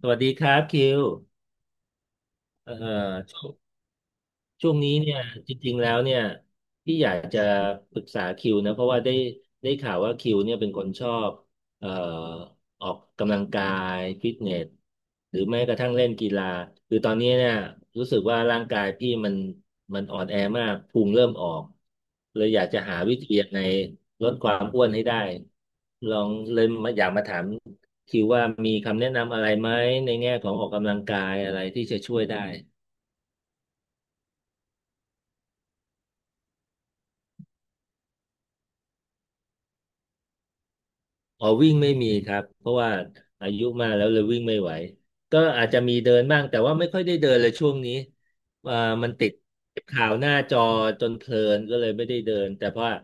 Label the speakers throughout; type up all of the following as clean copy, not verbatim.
Speaker 1: สวัสดีครับคิวเอ่อ ช่วงนี้เนี่ยจริงๆแล้วเนี่ยพี่อยากจะปรึกษาคิวนะเพราะว่าได้ข่าวว่าคิวเนี่ยเป็นคนชอบเอ่อออกกำลังกายฟิตเนสหรือแม้กระทั่งเล่นกีฬาคือตอนนี้เนี่ยรู้สึกว่าร่างกายพี่มันอ่อนแอมากพุงเริ่มออกเลยอยากจะหาวิธียังไงลดความอ้วนให้ได้ลองเลยมาอยากมาถามคิวว่ามีคำแนะนำอะไรไหมในแง่ของออกกำลังกายอะไรที่จะช่วยได้ อ๋อวิ่งไม่มีครับเพราะว่าอายุมากแล้วเลยวิ่งไม่ไหวก็อาจจะมีเดินบ้างแต่ว่าไม่ค่อยได้เดินเลยช่วงนี้อ่ามันติดข่าวหน้าจอจนเพลินก็เลยไม่ได้เดินแต่เพราะว่า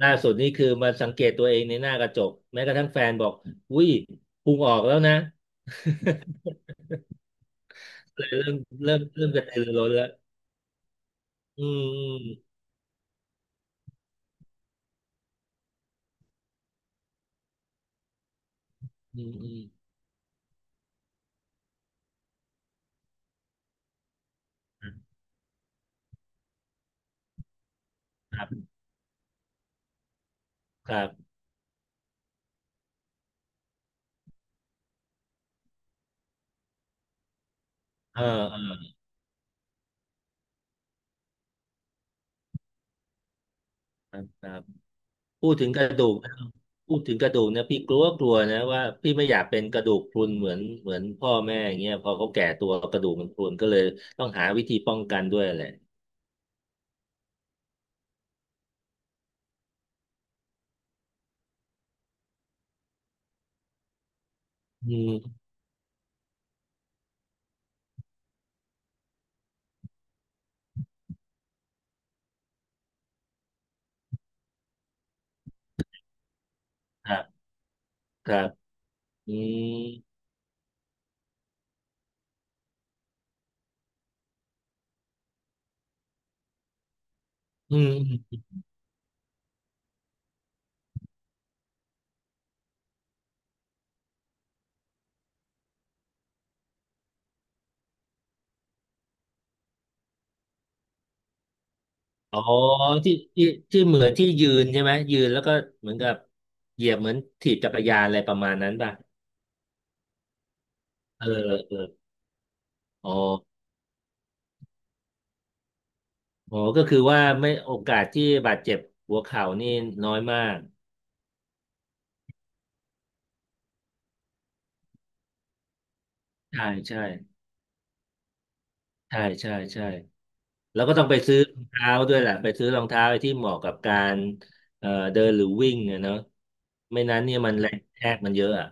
Speaker 1: ล่าสุดนี่คือมาสังเกตตัวเองในหน้ากระจกแม้กระทั่งแฟนบอกอุ้ยพุงออกแล้วนะเลยเริ่มเริ่มกระตือรือร้นแล้วอืมอืมอืมอืมครับครับเออเออครับครับ พูดถึงกระดูกนะพูดถึงกระดูกนะพี่กลัวกลัวนะว่าพี่ไม่อยากเป็นกระดูกพรุนเหมือนพ่อแม่อย่างเงี้ยพอเขาแก่ตัวกระดูกมันพรุนก็เลยต้องหาวิธีป้องกันด้วยแหละอืมครับครับอืมอืมอ๋อที่ที่ที่เหมือนที่ยืนใช่ไหมยืนแล้วก็เหมือนกับเหยียบเหมือนถีบจักรยานอะไรประมาณนั้นป่ะเออเอออ๋ออ๋อก็คือว่าไม่โอกาสที่บาดเจ็บหัวเข่านี่น้อยมากใช่ใช่ใช่ใช่ใช่ แล้วก็ต้องไปซื้อรองเท้าด้วยแหละไปซื้อรองเท้าไอ้ที่เหมาะกับการเดินหรือวิ่งอะเนาะไม่นั้นเนี่ยมันแรงกระแทกมันเยอะอ่ะ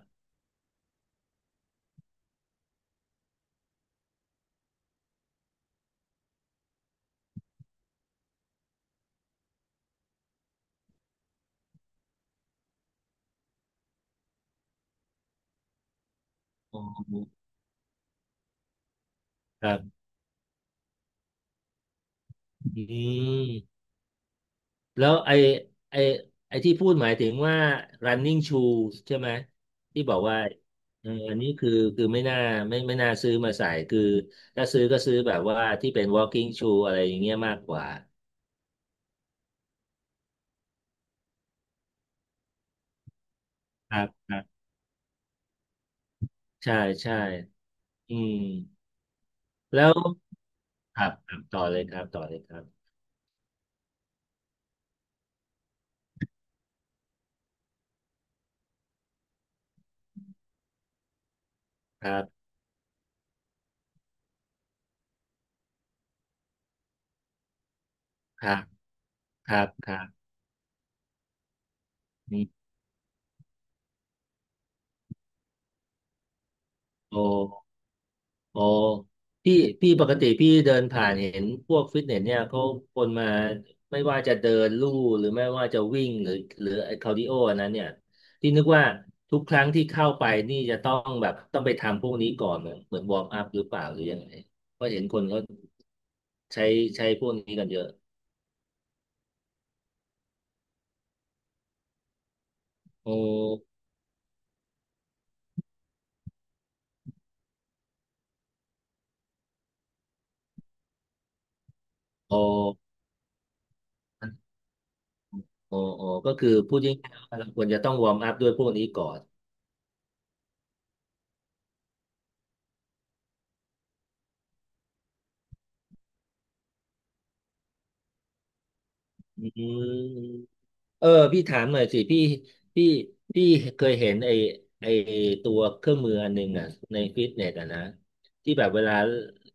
Speaker 1: อ๋อครับอืมแล้วไอ้ไอ้ที่พูดหมายถึงว่า running shoes ใช่ไหมที่บอกว่าเอออันนี้คือคือไม่น่าไม่น่าซื้อมาใส่คือถ้าซื้อก็ซื้อแบบว่าที่เป็น walking shoe อะไรอย่างเงี้ยมากกว่าครับครับใช่ใช่อืมแล้วครับครับต่อเลยครับต่อเลยครับครับ ครับครับครับมีโอโอพี่พี่ปกติพี่เดินผ่านเห็นพวกฟิตเนสเนี่ยเขาคนมาไม่ว่าจะเดินลู่หรือไม่ว่าจะวิ่งหรือหรือไอ้คาร์ดิโออันนั้นเนี่ยที่นึกว่าทุกครั้งที่เข้าไปนี่จะต้องแบบต้องไปทำพวกนี้ก่อนเหมือนเหมือนวอร์มอัพหรือเปล่าหรือยังไงเพราะเห็นคนเขาใช้ใช้พวกนี้กันเยอะโอโอโอโอก็คือพูดง่ายๆว่าเราควรจะต้องวอร์มอัพด้วยพวกนี้ก่อนอืม เออพี่ถามหน่อยสิพี่พี่พี่เคยเห็นไอตัวเครื่องมืออันหนึ่งอ่ะในฟิตเนสอ่ะนะที่แบบเวลา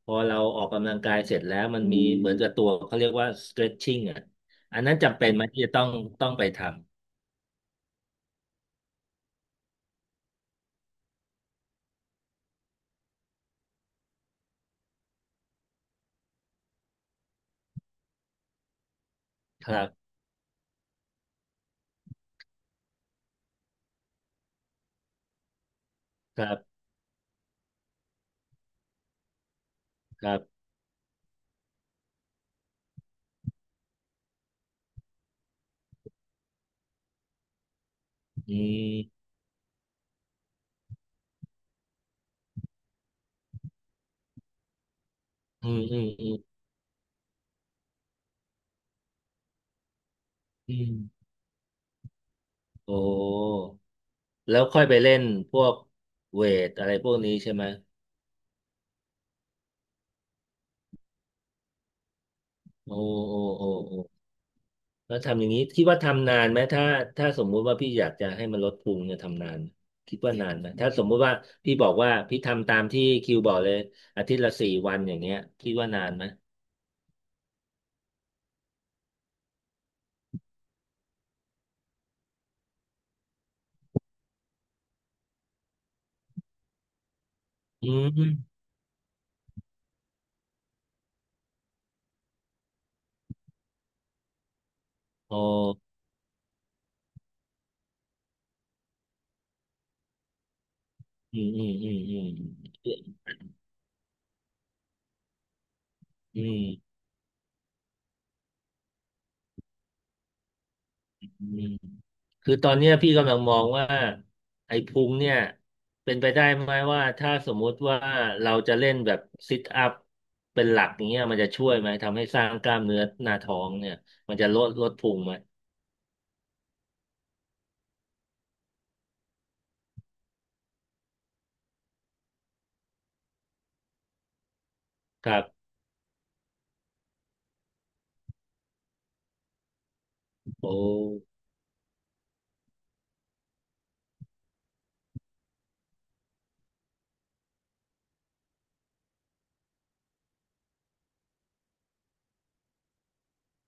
Speaker 1: พอเราออกกำลังกายเสร็จแล้วมันมีเหมือนกับตัวเขาเรียกว่า stretching อ่ะอันนั้นจำเป็นไหมที่จะต้องไปทำครับครับครับอืมอืมอืมอืมอืมโอ้แล้วค่อยไปเล่นพวกเวทอะไรพวกนี้ใช่ไหมโอ้โอ้โอ้โอ้ แล้วทำอย่างนี้คิดว่าทำนานไหมถ้าถ้าสมมุติว่าพี่อยากจะให้มันลดพุงเนี่ยทำนานไหมคิดว่านานไหมถ้าสมมุติว่าพี่บอกว่าพี่ทำตามที่คิวบอกเลยอาทิตย์ละสี่วันอย่างเงี้ยคิดว่านานไหมอืมโอ้อืมอืมอืมอืมอืมอืมคือตอนเนี้ยพี่กำลังมองว่าไอ้พุงเนี่ยเป็นไปได้ไหมว่าถ้าสมมุติว่าเราจะเล่นแบบซิทอัพเป็นหลักอย่างเงี้ยมันจะช่วยไหมทำให้สร้างกล้ามเนื้อหน้าท้องเนี่ยมันจะลดลดพุงไหม ครับโอ้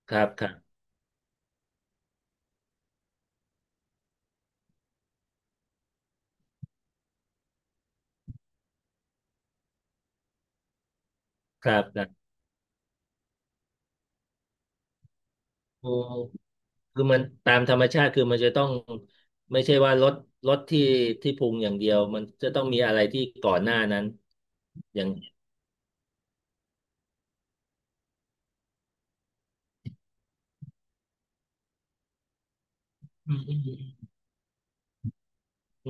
Speaker 1: ครับครับครับครับโอ้คือมันตามธรรมชาติคือมันจะต้องไม่ใช่ว่ารถลดที่พุงอย่างเดียวมันจะต้องมีอะไรที่ก่อนหน้านั้นอย่างอืม อื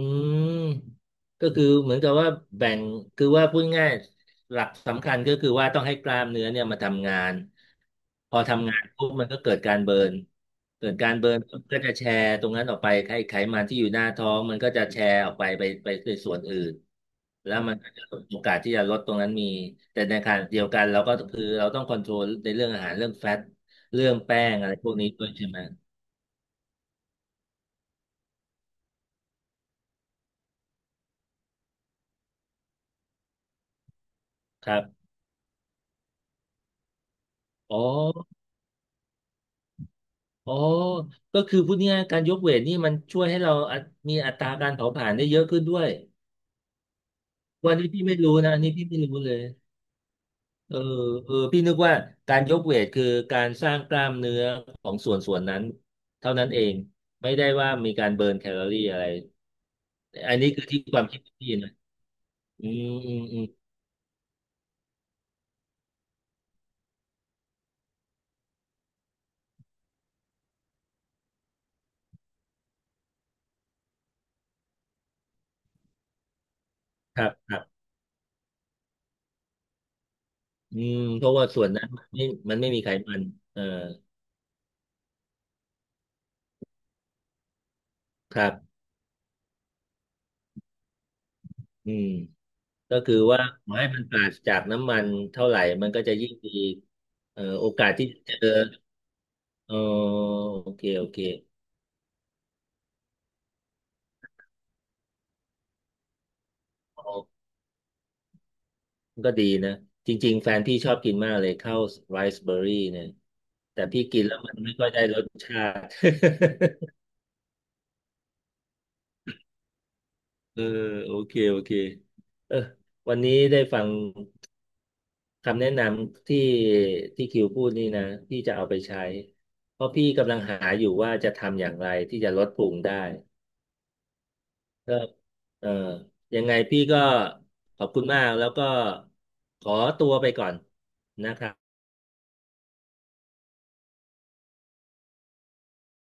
Speaker 1: มก็คือเหมือนกับว่าแบ่งคือว่าพูดง่ายหลักสำคัญก็คือว่าต้องให้กล้ามเนื้อเนี่ยมาทำงานพอทำงานปุ๊บมันก็เกิดการเบิร์นเกิดการเบิร์นก็จะแชร์ตรงนั้นออกไปไขมันที่อยู่หน้าท้องมันก็จะแชร์ออกไปในส่วนอื่นแล้วมันก็จะโอกาสที่จะลดตรงนั้นมีแต่ในขณะเดียวกันเราก็คือเราต้องคอนโทรลในเรื่องอาหารเรื่องแฟตเรื่องแป้งอะไรพวกนี้ด้วยใช่ไหมครับอ๋อ อ๋อก็คือพูดง่ายๆการยกเวทนี่มันช่วยให้เราอัตมีอัตราการเผาผลาญได้เยอะขึ้นด้วยวันนี้พี่ไม่รู้นะอันนี้พี่ไม่รู้เลยเออเออพี่นึกว่าการยกเวทคือการสร้างกล้ามเนื้อของส่วนนั้นเท่านั้นเองไม่ได้ว่ามีการเบิร์นแคลอรี่อะไรอันนี้คือที่ความคิดพี่นะอืมอืมอืมครับครับอืมเพราะว่าส่วนนั้นมันไม่มันไม่มีไขมันเออครับอืม ก็คือว่าขอให้มันปราศจากน้ำมันเท่าไหร่มันก็จะยิ่งดีโอกาสที่จะเจอเออโอเคโอเคอ๋อมันก็ดีนะจริงๆแฟนพี่ชอบกินมากเลยข้าวไรซ์เบอร์รี่เนี่ยแต่พี่กินแล้วมันไม่ค่อยได้รสชาติ เออโอเคโอเคเออวันนี้ได้ฟังคำแนะนำที่คิวพูดนี่นะพี่จะเอาไปใช้เพราะพี่กำลังหาอยู่ว่าจะทำอย่างไรที่จะลดพุงได้ ครับเอ่อยังไงพี่ก็ขอบคุณมาก แล้วก็ขอตัวไปก่อนนะครับ